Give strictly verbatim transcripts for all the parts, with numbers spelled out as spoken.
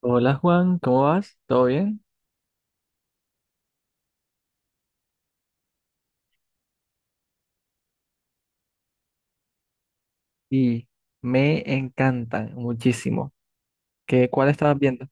Hola Juan, ¿cómo vas? ¿Todo bien? Y me encantan muchísimo. ¿Qué, cuál estabas viendo?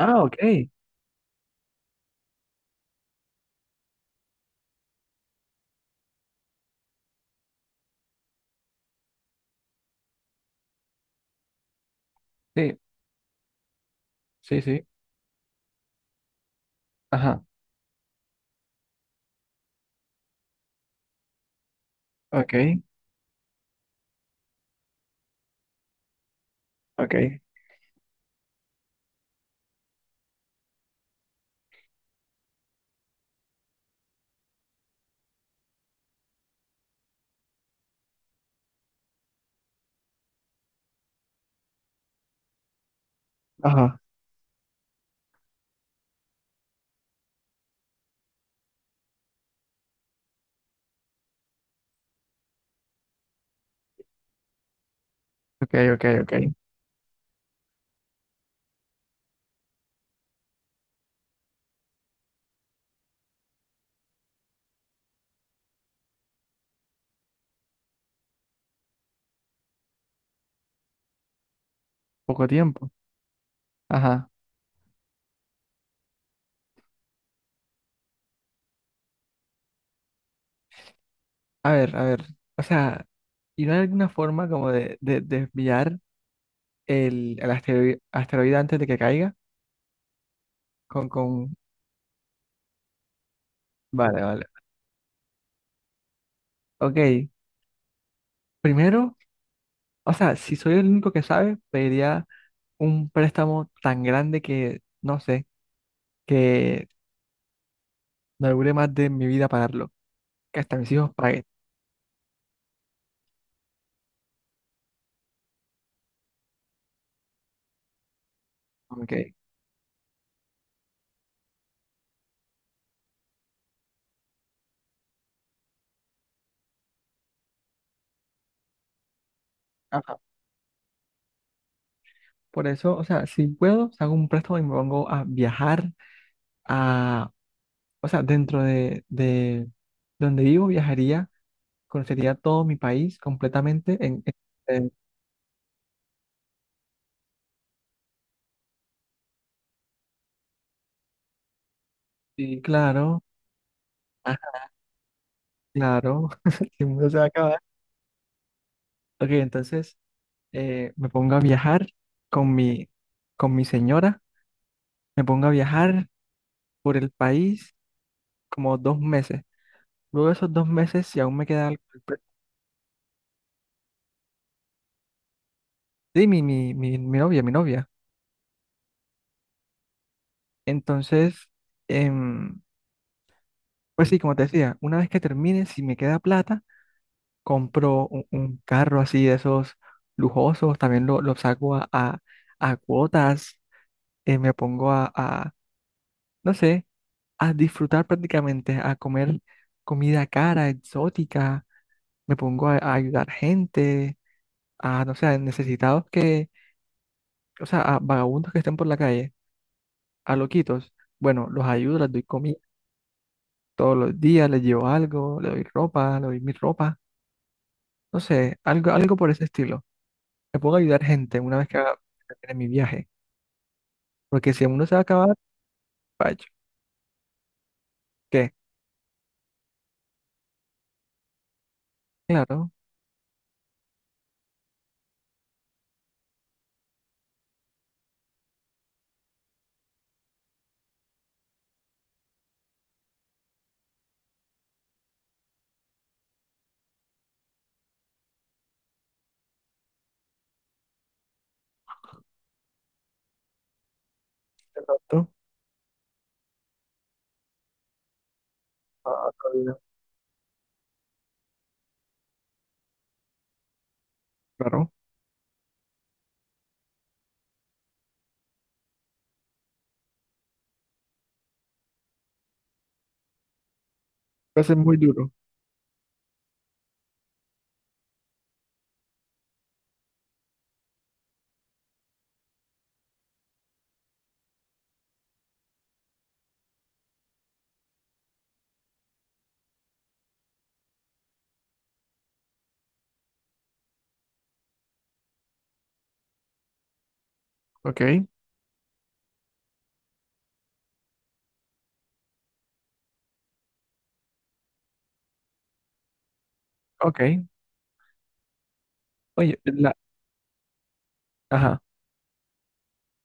Ah, ok. Sí, sí, sí. Ajá. Ok, ok. Ajá. Ok, ok, ok. Poco tiempo. Ajá. A ver, a ver. O sea, ¿y no hay alguna forma como de, de- desviar el, el asteroide, asteroide antes de que caiga? Con, con... Vale, vale. Ok. Primero, o sea, si soy el único que sabe, pediría un préstamo tan grande que, no sé, que no dure más de mi vida pagarlo, que hasta mis hijos paguen. Ok. Ajá. Por eso, o sea, si puedo, hago un préstamo y me pongo a viajar a, o sea, dentro de, de donde vivo, viajaría, conocería todo mi país completamente en, en- en- sí, claro, ah, claro, el mundo se va a acabar. Ok, entonces eh, me pongo a viajar con mi, con mi señora, me pongo a viajar por el país como dos meses. Luego de esos dos meses, si aún me queda algo. Sí, mi, mi, mi, mi, novia, mi novia. Entonces, em, pues sí, como te decía, una vez que termine, si me queda plata, compro un, un carro así de esos lujosos, también lo, lo saco a, a, a cuotas, eh, me pongo a, a, no sé, a disfrutar prácticamente, a comer comida cara, exótica, me pongo a, a ayudar gente, a, no sé, a necesitados que, o sea, a vagabundos que estén por la calle, a loquitos. Bueno, los ayudo, les doy comida. Todos los días le llevo algo, le doy ropa, le doy mi ropa, no sé, algo, algo por ese estilo. Me pongo a ayudar gente una vez que haga- termine mi viaje, porque si el mundo se va a acabar, vaya, ¿qué? Claro, de a otra vida, claro, va a ser muy duro, ¿ok? Ok, oye, la, ajá,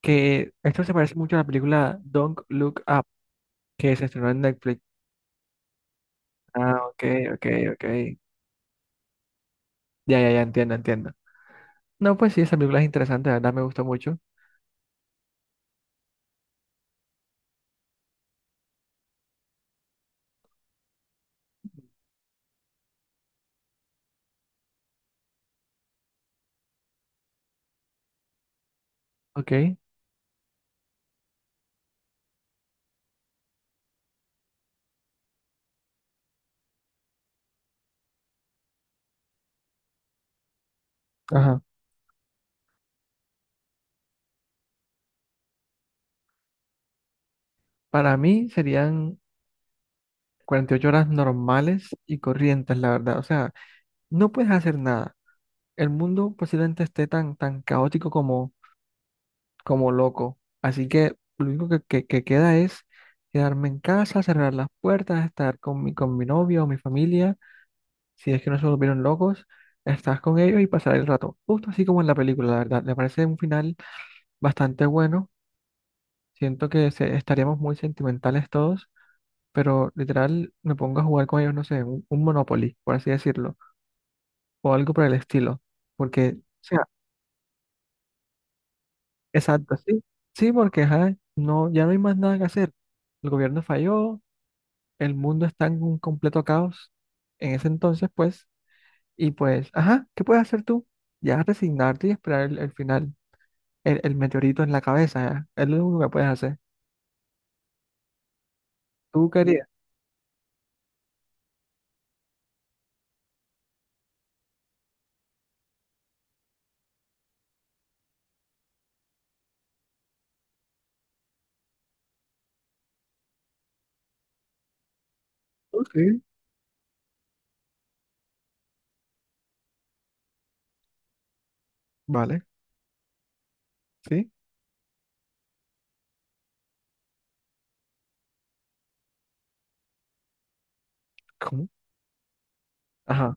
que esto se parece mucho a la película Don't Look Up, que se estrenó en Netflix. Ah, ok, ok, ok, ya, ya, ya, entiendo, entiendo. No, pues sí, esa película es interesante, la verdad me gustó mucho, ok, ajá. Para mí serían cuarenta y ocho horas normales y corrientes, la verdad. O sea, no puedes hacer nada. El mundo posiblemente esté tan, tan caótico como, como loco. Así que lo único que, que- que queda es quedarme en casa, cerrar las puertas, estar con mi, con mi novio o mi familia. Si es que no se volvieron locos, estar con ellos y pasar el rato. Justo así como en la película, la verdad. Me parece un final bastante bueno. Siento que se- estaríamos muy sentimentales todos, pero literal me pongo a jugar con ellos, no sé, un un Monopoly, por así decirlo o algo por el estilo. Porque, o sea, exacto, sí, sí, porque ajá, no, ya no hay más nada que hacer. El gobierno falló, el mundo está en un completo caos en ese entonces, pues, y pues, ajá, ¿qué puedes hacer tú? Ya resignarte y esperar el, el final, el, el meteorito en la cabeza, ya. Es lo único que puedes hacer. ¿Tú querías? Sí. Vale, sí, ¿cómo? Ajá,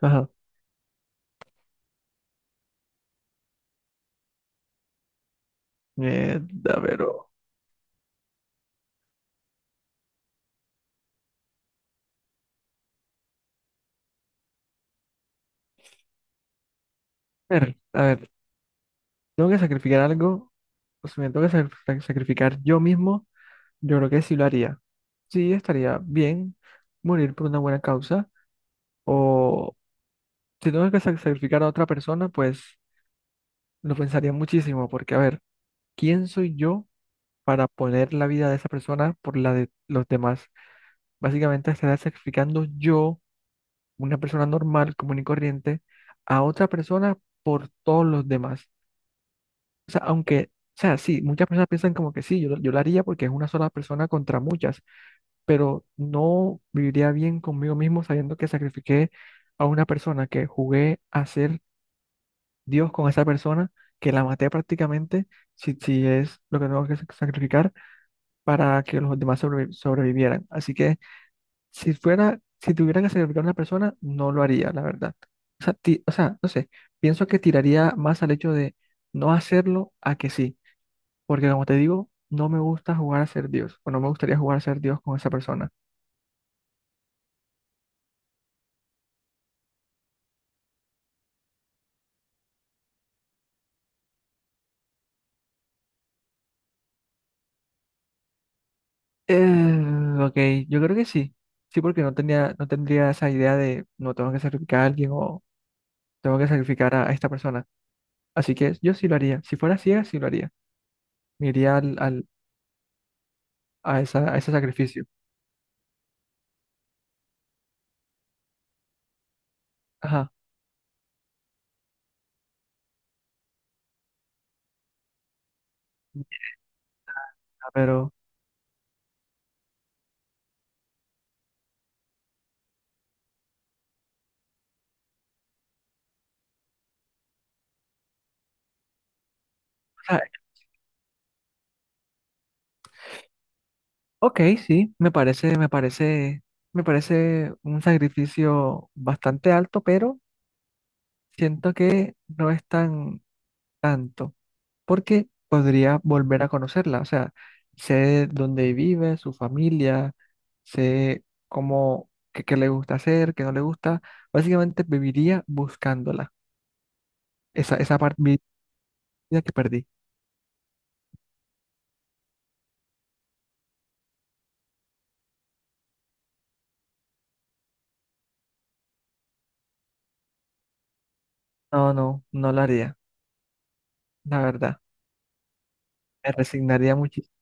ajá. Mierda, pero. A ver, a ver, tengo que sacrificar algo, o sea, me tengo que sac- sac- sacrificar yo mismo. Yo creo que sí lo haría. Sí, estaría bien morir por una buena causa. O si tengo que sac- sacrificar a otra persona, pues lo pensaría muchísimo, porque a ver, ¿quién soy yo para poner la vida de esa persona por la de los demás? Básicamente estaría sacrificando yo, una persona normal, común y corriente, a otra persona por todos los demás. O sea, aunque, o sea, sí, muchas personas piensan como que sí, yo, lo- yo lo haría porque es una sola persona contra muchas, pero no viviría bien conmigo mismo sabiendo que sacrifiqué a una persona, que jugué a ser Dios con esa persona, que la maté prácticamente, si, si es lo que tengo que sac- sacrificar para que los demás sobrevi- sobrevivieran. Así que si fuera, si tuviera que sacrificar a una persona, no lo haría, la verdad. O sea, ti- o sea, no sé, pienso que tiraría más al hecho de no hacerlo a que sí, porque como te digo, no me gusta jugar a ser Dios, o no me gustaría jugar a ser Dios con esa persona. Eh, ok, yo creo que sí. Sí, porque no tenía, no tendría esa idea de no tengo que sacrificar a alguien o tengo que sacrificar a, a esta persona. Así que yo sí lo haría. Si fuera ciega, sí lo haría. Me iría al, al- a, esa, a ese sacrificio. Ajá. Ya. Pero, o sea, ok, sí, me parece, me parece, me parece un sacrificio bastante alto, pero siento que no es tan tanto, porque podría volver a conocerla. O sea, sé dónde vive, su familia, sé cómo, qué, qué le gusta hacer, qué no le gusta. Básicamente viviría buscándola. Esa, esa parte de mi vida que perdí. No, no, no la haría, la verdad. Me resignaría muchísimo.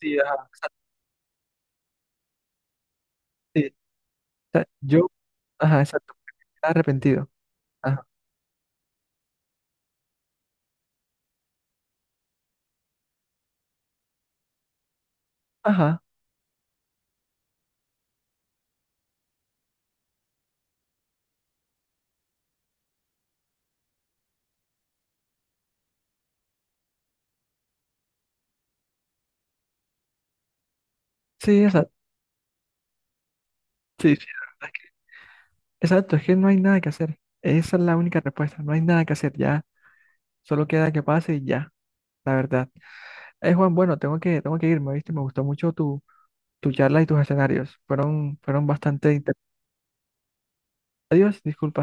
Sí, ajá, exacto, sí. O sea, yo, ajá, exacto, arrepentido. Ajá, ajá, sí, exacto. Sí, sí, la verdad es que- exacto, es que no hay nada que hacer. Esa es la única respuesta, no hay nada que hacer, ya. Solo queda que pase y ya. La verdad. Eh, Juan, bueno, tengo que, tengo que irme, ¿viste? Me gustó mucho tu, tu charla y tus escenarios. Fueron, fueron bastante interesantes. Adiós, disculpa.